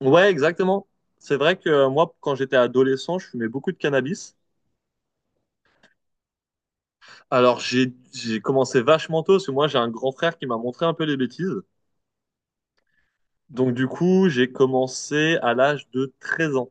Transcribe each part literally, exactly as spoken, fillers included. Ouais, exactement. C'est vrai que euh, moi, quand j'étais adolescent, je fumais beaucoup de cannabis. Alors, j'ai j'ai commencé vachement tôt, parce que moi, j'ai un grand frère qui m'a montré un peu les bêtises. Donc, du coup, j'ai commencé à l'âge de treize ans.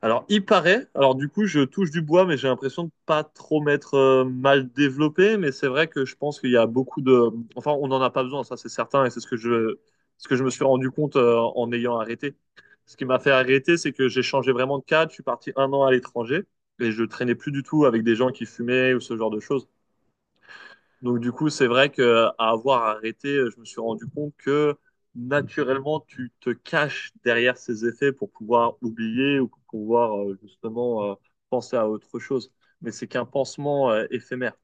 Alors, il paraît, alors du coup, je touche du bois, mais j'ai l'impression de pas trop m'être euh, mal développé. Mais c'est vrai que je pense qu'il y a beaucoup de. Enfin, on n'en a pas besoin, ça c'est certain, et c'est ce que je, ce que je me suis rendu compte euh, en ayant arrêté. Ce qui m'a fait arrêter, c'est que j'ai changé vraiment de cadre. Je suis parti un an à l'étranger et je traînais plus du tout avec des gens qui fumaient ou ce genre de choses. Donc du coup, c'est vrai que à avoir arrêté, je me suis rendu compte que naturellement, tu te caches derrière ces effets pour pouvoir oublier ou pour pouvoir euh, justement euh, penser à autre chose. Mais c'est qu'un pansement euh, éphémère.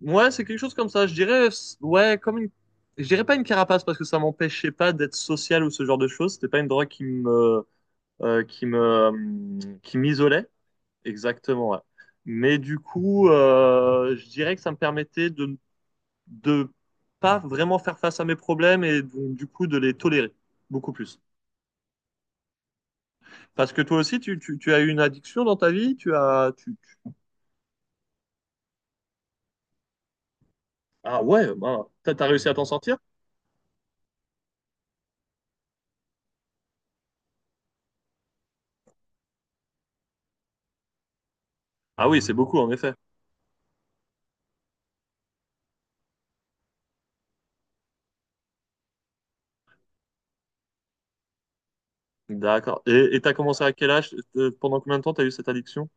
Ouais, c'est quelque chose comme ça. Je dirais, c- ouais, comme une, je dirais pas une carapace parce que ça m'empêchait pas d'être social ou ce genre de choses. C'était pas une drogue qui me, euh, qui me, euh, qui m'isolait. Exactement, ouais. Mais du coup, euh, je dirais que ça me permettait de de pas vraiment faire face à mes problèmes et donc, du coup de les tolérer beaucoup plus. Parce que toi aussi, tu, tu, tu as eu une addiction dans ta vie, tu as... Tu, tu- Ah ouais, bah, t'as t'as réussi à t'en sortir? Ah oui, c'est beaucoup en effet. D'accord. Et et t'as commencé à quel âge? Euh, Pendant combien de temps t'as eu cette addiction?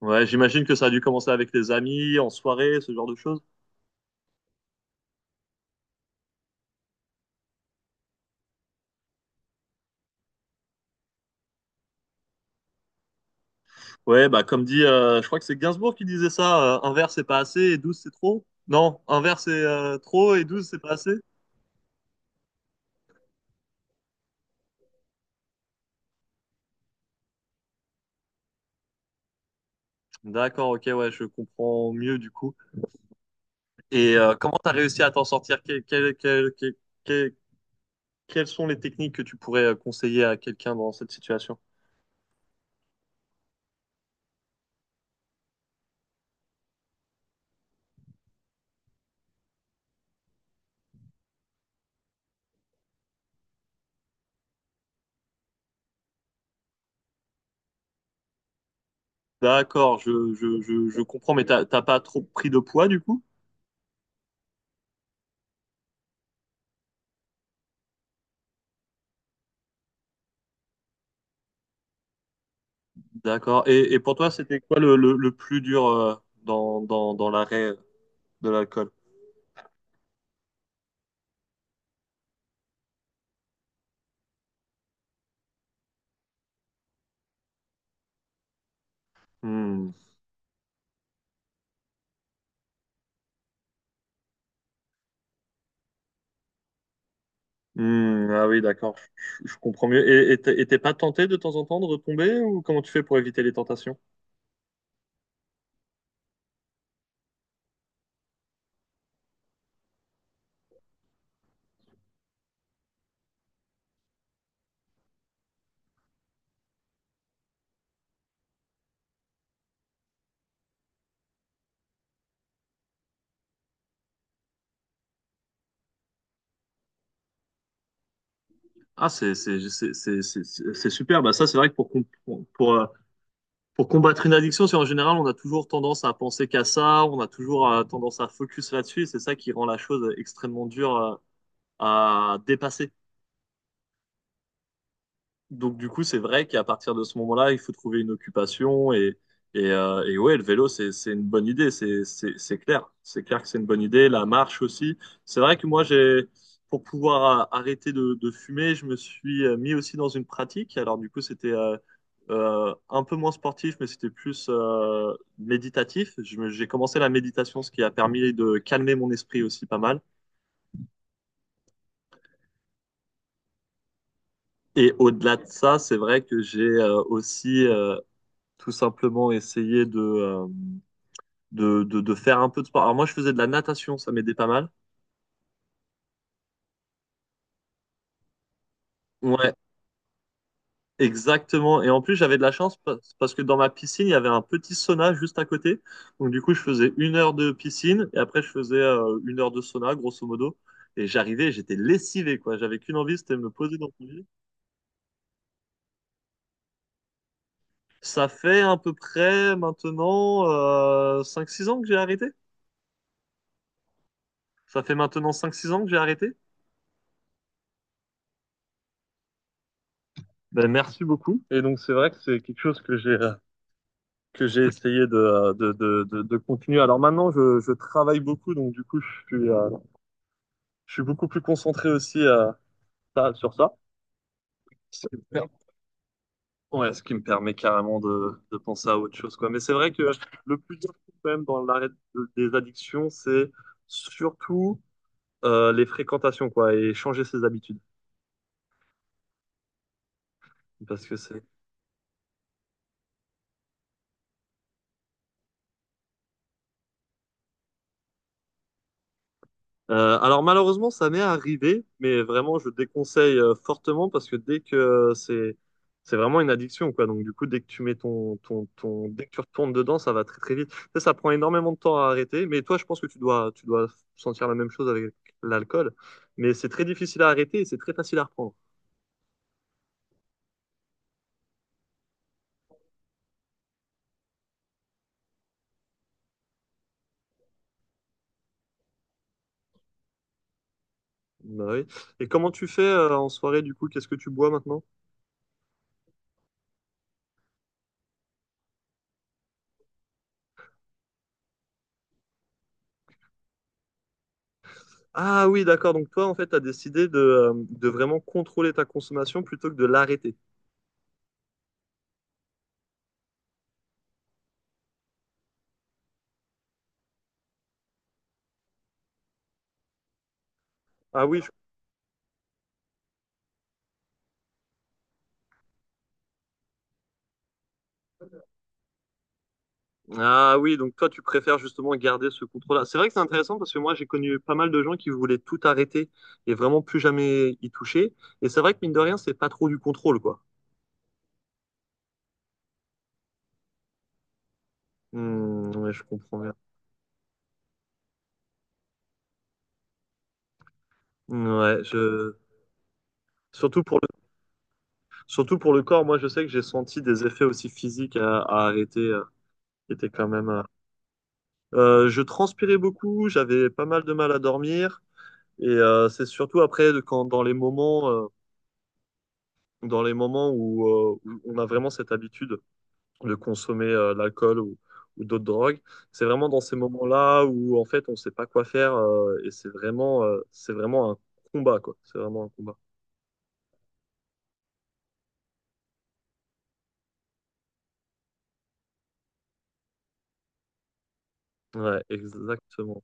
Ouais, j'imagine que ça a dû commencer avec les amis, en soirée, ce genre de choses. Ouais, bah comme dit, euh, je crois que c'est Gainsbourg qui disait ça, euh, un verre c'est pas assez et douze c'est trop. Non, un verre c'est euh, trop et douze c'est pas assez. D'accord, ok, ouais, je comprends mieux du coup. Et euh, comment tu as réussi à t'en sortir? Que- que- que- que- que- Quelles sont les techniques que tu pourrais euh, conseiller à quelqu'un dans cette situation? D'accord, je, je, je, je comprends, mais t'as t'as pas trop pris de poids du coup? D'accord. Et, et pour toi, c'était quoi le, le, le plus dur euh, dans, dans, dans l'arrêt de l'alcool? Hmm. Hmm, ah oui, d'accord, je, je- je comprends mieux. Et et t'es et t'es pas tenté de temps en temps de retomber ou comment tu fais pour éviter les tentations? Ah, c'est c'est- c'est- c'est- c'est- c'est c'est super. Bah, ça, c'est vrai que pour, comp- pour, pour combattre une addiction, c'est en général, on a toujours tendance à penser qu'à ça, on a toujours euh, tendance à focus là-dessus, et c'est ça qui rend la chose extrêmement dure euh, à dépasser. Donc du coup, c'est vrai qu'à partir de ce moment-là, il faut trouver une occupation et et, euh, et ouais, le vélo, c'est c'est une bonne idée, c'est c'est c'est clair, c'est clair que c'est une bonne idée. La marche aussi. C'est vrai que moi, j'ai pour pouvoir a- arrêter de, de fumer, je me suis euh, mis aussi dans une pratique. Alors du coup, c'était euh, euh, un peu moins sportif, mais c'était plus euh, méditatif. Je me- J'ai commencé la méditation, ce qui a permis de calmer mon esprit aussi pas mal. Et au-delà de ça, c'est vrai que j'ai euh, aussi euh, tout simplement essayer de, euh, de, de, de faire un peu de sport. Alors moi, je faisais de la natation, ça m'aidait pas mal. Ouais, exactement. Et en plus, j'avais de la chance pa- parce que dans ma piscine, il y avait un petit sauna juste à côté. Donc du coup, je faisais une heure de piscine et après, je faisais euh, une heure de sauna, grosso modo. Et j'arrivais, j'étais lessivé, quoi. J'avais qu'une envie, c'était de me poser dans mon lit. Ça fait à peu près maintenant euh, cinq six ans que j'ai arrêté. Ça fait maintenant cinq six ans que j'ai arrêté. Ben, merci beaucoup. Et donc, c'est vrai que c'est quelque chose que j'ai que j'ai essayé de, de, de, de, de continuer. Alors maintenant, je, je travaille beaucoup, donc du coup, je suis, euh, je suis beaucoup plus concentré aussi euh, ça- sur ça. Ce qui me per- Ouais, ce qui me permet carrément de, de penser à autre chose, quoi. Mais c'est vrai que le plus dur, quand même, dans l'arrêt de- des addictions, c'est surtout euh, les fréquentations, quoi, et changer ses habitudes. Parce que c'est Euh, alors malheureusement, ça m'est arrivé, mais vraiment, je déconseille euh, fortement parce que dès que euh, c'est c'est vraiment une addiction, quoi. Donc du coup, dès que tu mets ton, ton, ton dès que tu retournes dedans, ça va très très vite. Ça, ça prend énormément de temps à arrêter. Mais toi, je pense que tu dois tu dois sentir la même chose avec l'alcool. Mais c'est très difficile à arrêter et c'est très facile à reprendre. Bah oui. Et comment tu fais euh, en soirée du coup? Qu'est-ce que tu bois maintenant? Ah oui, d'accord. Donc toi, en fait, t'as décidé de, euh, de vraiment contrôler ta consommation plutôt que de l'arrêter. Ah oui, ah oui, donc toi, tu préfères justement garder ce contrôle-là. C'est vrai que c'est intéressant parce que moi, j'ai connu pas mal de gens qui voulaient tout arrêter et vraiment plus jamais y toucher. Et c'est vrai que mine de rien, c'est pas trop du contrôle, quoi. Hmm, ouais, je comprends bien. Hmm, ouais, je... Surtout pour le... Surtout pour le corps, moi, je sais que j'ai senti des effets aussi physiques à, à arrêter, euh, qui étaient quand même... euh, euh, je transpirais beaucoup, j'avais pas mal de mal à dormir. Et euh, c'est surtout après, de- quand, dans les moments, euh, dans les moments où, euh, où on a vraiment cette habitude de consommer euh, de l'alcool ou, ou d'autres drogues. C'est vraiment dans ces moments-là où en fait on sait pas quoi faire euh, et c'est vraiment euh, c'est vraiment un combat quoi. C'est vraiment un combat. Ouais, exactement.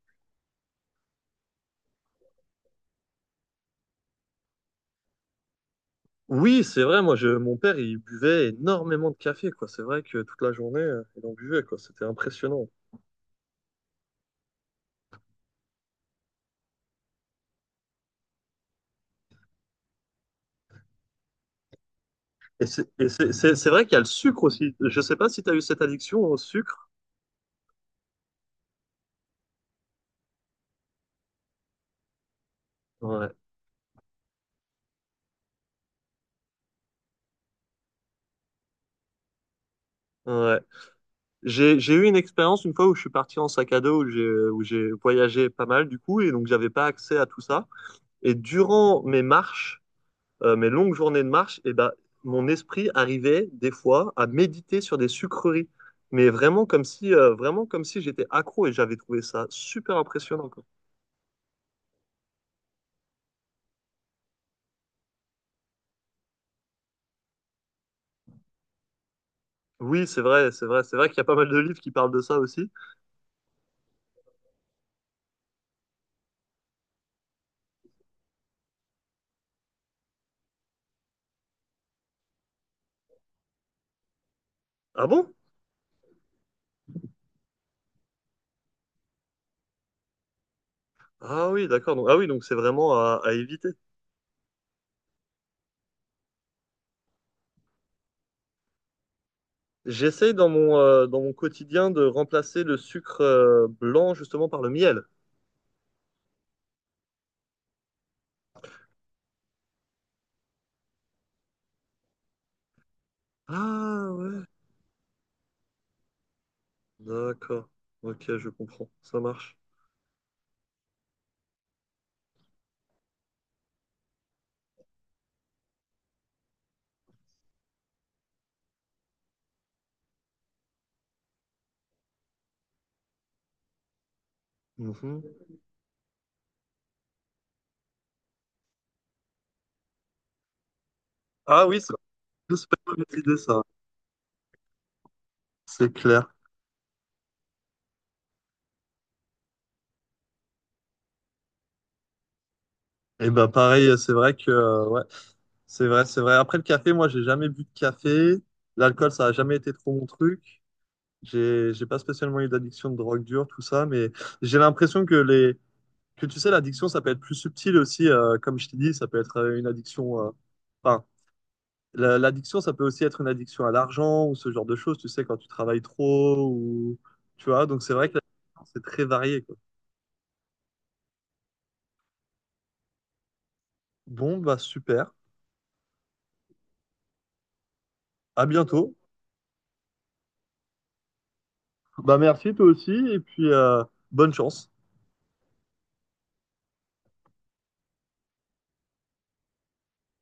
Oui, c'est vrai. Moi, je, mon père, il buvait énormément de café, quoi. C'est vrai que toute la journée, euh, il en buvait, quoi. C'était impressionnant. Et c'est et c'est- c'est- c'est vrai qu'il y a le sucre aussi. Je sais pas si tu as eu cette addiction au sucre. Ouais. Ouais. J'ai, j'ai eu une expérience une fois où je suis parti en sac à dos, où j'ai, où j'ai voyagé pas mal du coup, et donc j'avais pas accès à tout ça. Et durant mes marches, euh, mes longues journées de marche, et ben, mon esprit arrivait des fois à méditer sur des sucreries. Mais vraiment comme si, euh, vraiment comme si j'étais accro et j'avais trouvé ça super impressionnant, quoi. Oui, c'est vrai, c'est vrai, c'est vrai qu'il y a pas mal de livres qui parlent de ça aussi. Ah bon? Ah oui, d'accord. Donc, ah oui, donc c'est vraiment à, à éviter. J'essaye dans mon, euh, dans mon quotidien de remplacer le sucre euh, blanc justement par le miel. Ah ouais, d'accord. Ok, je comprends. Ça marche. Mhm. Ah oui, j'espère pas maîtriser ça, c'est clair. Et ben pareil, euh, c'est vrai que euh, ouais, c'est vrai, c'est vrai. Après le café, moi j'ai jamais bu de café. L'alcool, ça a jamais été trop mon truc. J'ai j'ai pas spécialement eu d'addiction de drogue dure, tout ça, mais j'ai l'impression que les que tu sais, l'addiction, ça peut être plus subtil aussi, euh, comme je t'ai dit, ça peut être euh, une addiction. euh, Enfin, la- L'addiction, ça peut aussi être une addiction à l'argent ou ce genre de choses, tu sais, quand tu travailles trop ou tu vois. Donc c'est vrai que l'addiction, c'est très varié, quoi. Bon, bah super. À bientôt. Bah merci toi aussi et puis euh, bonne chance.